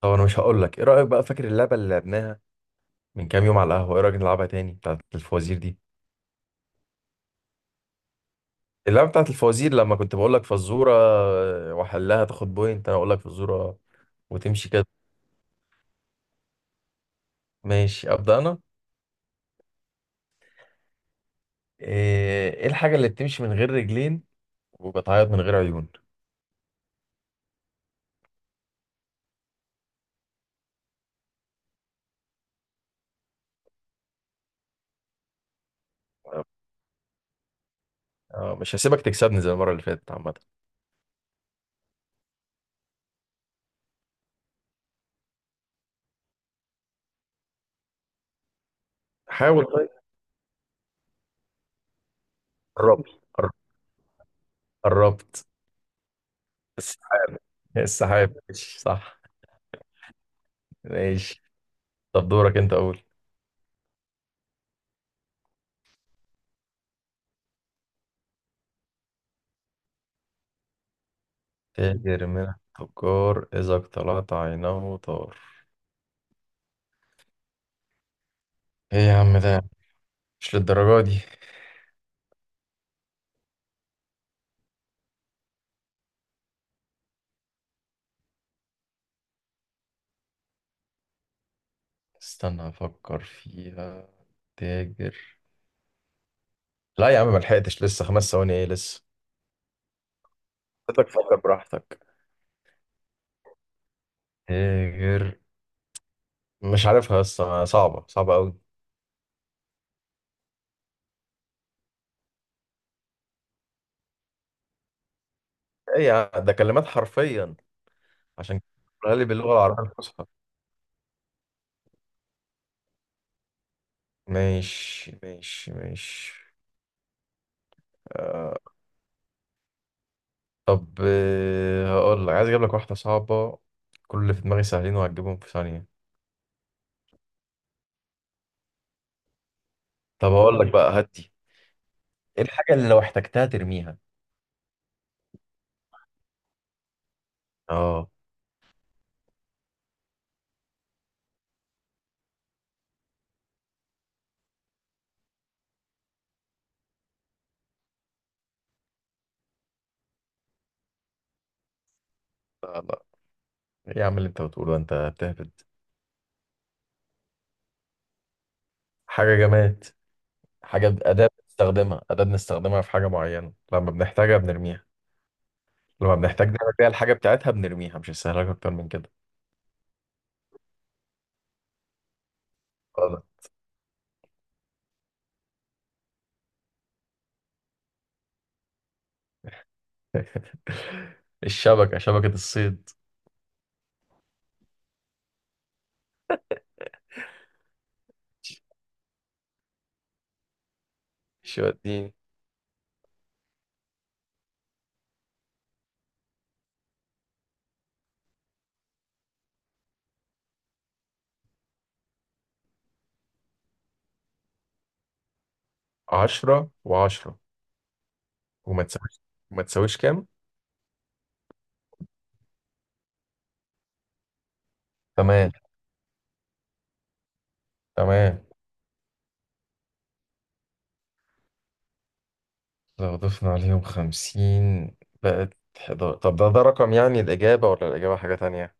طب انا مش هقول لك، ايه رايك بقى؟ فاكر اللعبه اللي لعبناها من كام يوم على القهوه؟ ايه رايك نلعبها تاني، بتاعه الفوازير دي؟ اللعبه بتاعه الفوازير، لما كنت بقول لك فزوره واحلها تاخد بوينت، انا اقول لك فزوره وتمشي كده. ماشي، ابدا انا. إيه الحاجه اللي بتمشي من غير رجلين وبتعيط من غير عيون؟ اه، مش هسيبك تكسبني زي المره اللي فاتت عامه. حاول طيب. قربت. قر- قربت. السحاب. السحاب ماشي صح. ماشي. طب، دورك انت اول. تاجر من التجار إذا اقتلعت عينه طار؟ إيه يا عم ده؟ مش للدرجة دي. استنى أفكر فيها. تاجر. لا يا عم، ملحقتش لسه، 5 ثواني إيه لسه؟ حضرتك فكر براحتك. تاجر. مش عارفها لسه، صعبة صعبة أوي. إيه يا عم ده، كلمات حرفيا، عشان كده بقولها لي باللغة العربية الفصحى. ماشي ماشي ماشي. آه. طب، هقول لك، عايز أجيب لك واحدة صعبة. كل اللي في دماغي سهلين، وهتجيبهم في ثانية. طب اقول لك بقى هدي. ايه الحاجه اللي لو احتجتها ترميها؟ اه. لا لا، ايه يا عم اللي انت بتقوله ده؟ انت بتهبد. حاجة جماد. حاجه، أداة بنستخدمها، أداة بنستخدمها في حاجة معينة لما بنحتاجها بنرميها. لما بنحتاج نعمل بيها الحاجة بتاعتها بنرميها، مش هسهلك أكتر من كده. غلط. الشبكة، شبكة الصيد. شو اديني. 10 و10. وما تساويش وما تساويش كام؟ تمام. تمام. لو ضفنا عليهم 50 بقت 11. طب ده رقم يعني الإجابة، ولا الإجابة حاجة تانية؟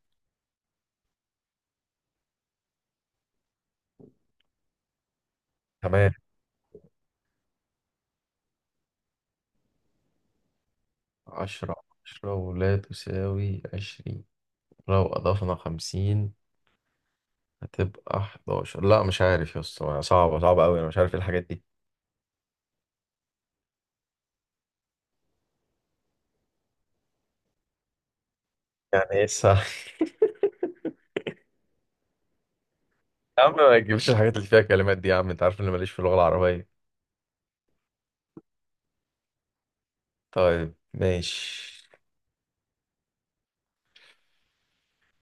تمام. عشرة عشرة ولا تساوي 20، لو أضفنا 50 هتبقى 11. لا، مش عارف يا اسطى، صعبة صعبة أوي، أنا مش عارف إيه الحاجات دي. يعني إيه الساعة؟ يا عم، ما تجيبش الحاجات اللي فيها كلمات دي، يا عم أنت عارف إني ماليش في اللغة العربية. طيب ماشي.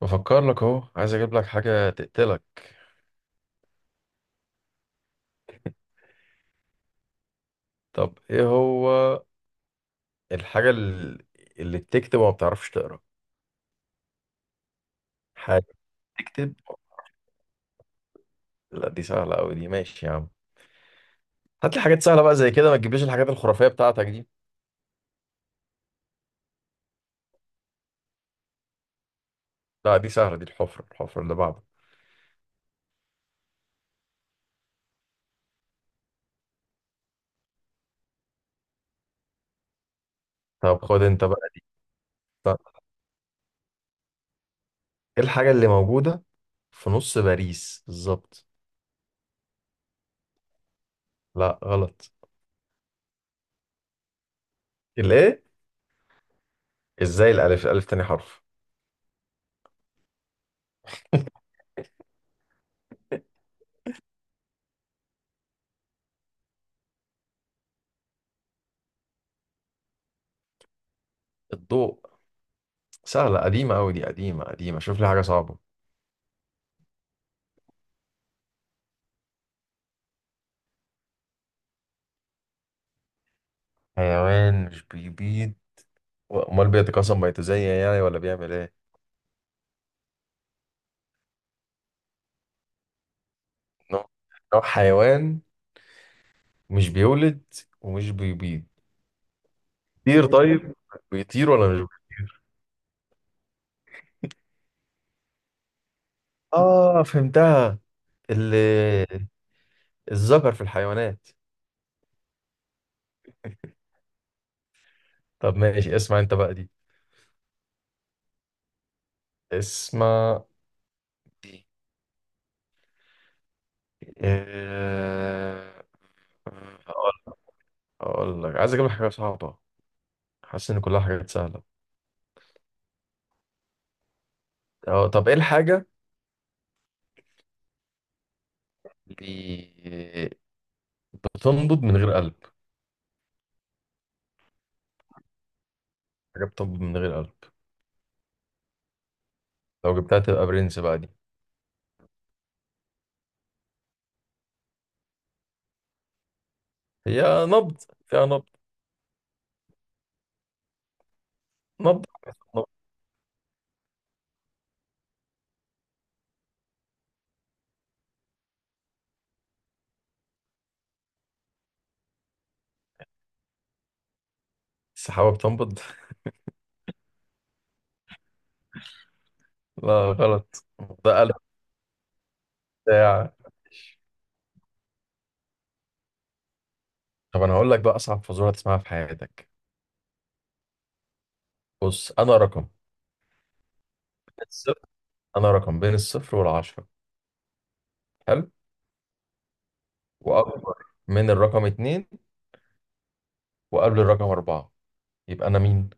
بفكر لك أهو، عايز أجيب لك حاجة تقتلك. طب إيه هو الحاجة اللي بتكتب وما بتعرفش تقرأ؟ تكتب. لا، دي سهلة أوي، دي ماشي يا عم. هات لي حاجات سهلة بقى زي كده، ما تجيبليش الحاجات الخرافية بتاعتك دي. لا، دي سهلة، دي الحفرة، الحفرة اللي بعده. طب خد أنت بقى. طب، إيه الحاجة اللي موجودة في نص باريس بالظبط؟ لا غلط. الإيه؟ إزاي؟ الألف الألف تاني حرف. الضوء. سهلة، قديمة أوي دي، قديمة قديمة، شوف لي حاجة صعبة. حيوان مش بيبيض، أمال بيتكاثر ما يتزين يعني ولا بيعمل إيه؟ نوع نوع حيوان مش بيولد ومش بيبيض. طير طيب، بيطير ولا مش؟ اه فهمتها. ال- الذكر في الحيوانات. طب ماشي، اسمع انت بقى دي. اسمع. إيه؟ آه، هقول هقول لك، عايز اجيب لك حاجه صعبه، حاسس ان كلها حاجات سهله. اه طب، ايه الحاجه اللي بتنبض من غير قلب؟ حاجه بتنبض من غير قلب، لو جبتها تبقى برنس بقى دي. هي نبض، فيها نبض. نبض. نبض. السحابه بتنبض. لا غلط. ده قلب بتاع. طب انا هقول لك بقى اصعب فزوره تسمعها في حياتك. بص، بين الصفر انا رقم بين الصفر والعشرة. حلو. واكبر من الرقم 2، وقبل الرقم 4، يبقى انا مين؟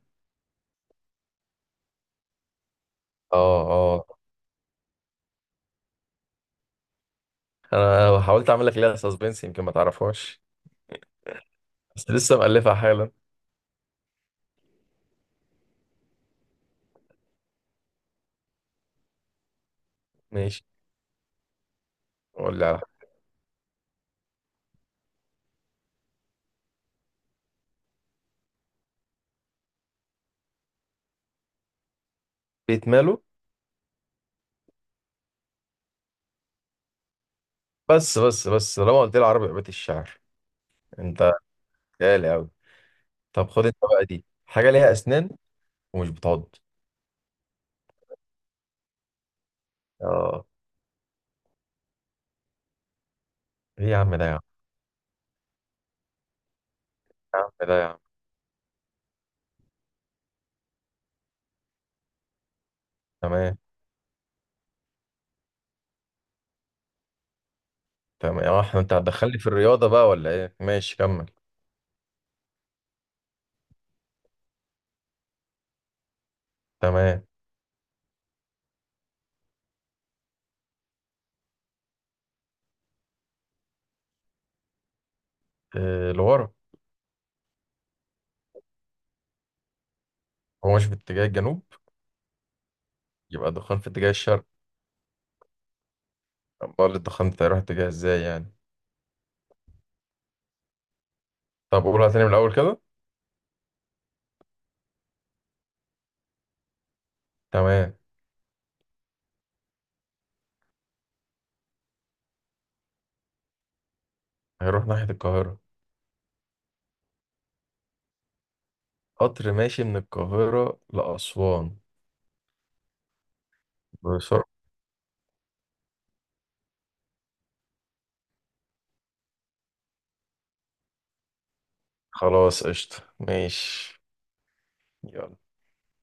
اه اه، انا حاولت اعمل لك ليها سسبنس يمكن ما تعرفهاش، بس لسه مألفها حالا. ماشي. قول لي على حاجة. بيت ماله. بس بس بس، لما قلت لي عربي، بيت الشعر. انت غالي قوي. طب خد انت بقى، دي حاجة ليها اسنان ومش بتعض. اه. ايه يا عم ده يا عم. إيه يا عم ده يا عم. تمام. تمام. اه احنا، انت هتدخلني في الرياضة بقى ولا ايه؟ ماشي كمل. تمام. لورا. هو ماشي في اتجاه الجنوب، يبقى الدخان في اتجاه الشرق. امال الدخان ده هيروح اتجاه ازاي يعني؟ طب قولها تاني من الاول كده. تمام. هيروح ناحية القاهرة. قطر ماشي من القاهرة لأسوان بسرعة. خلاص، قشطة، ماشي. يلا.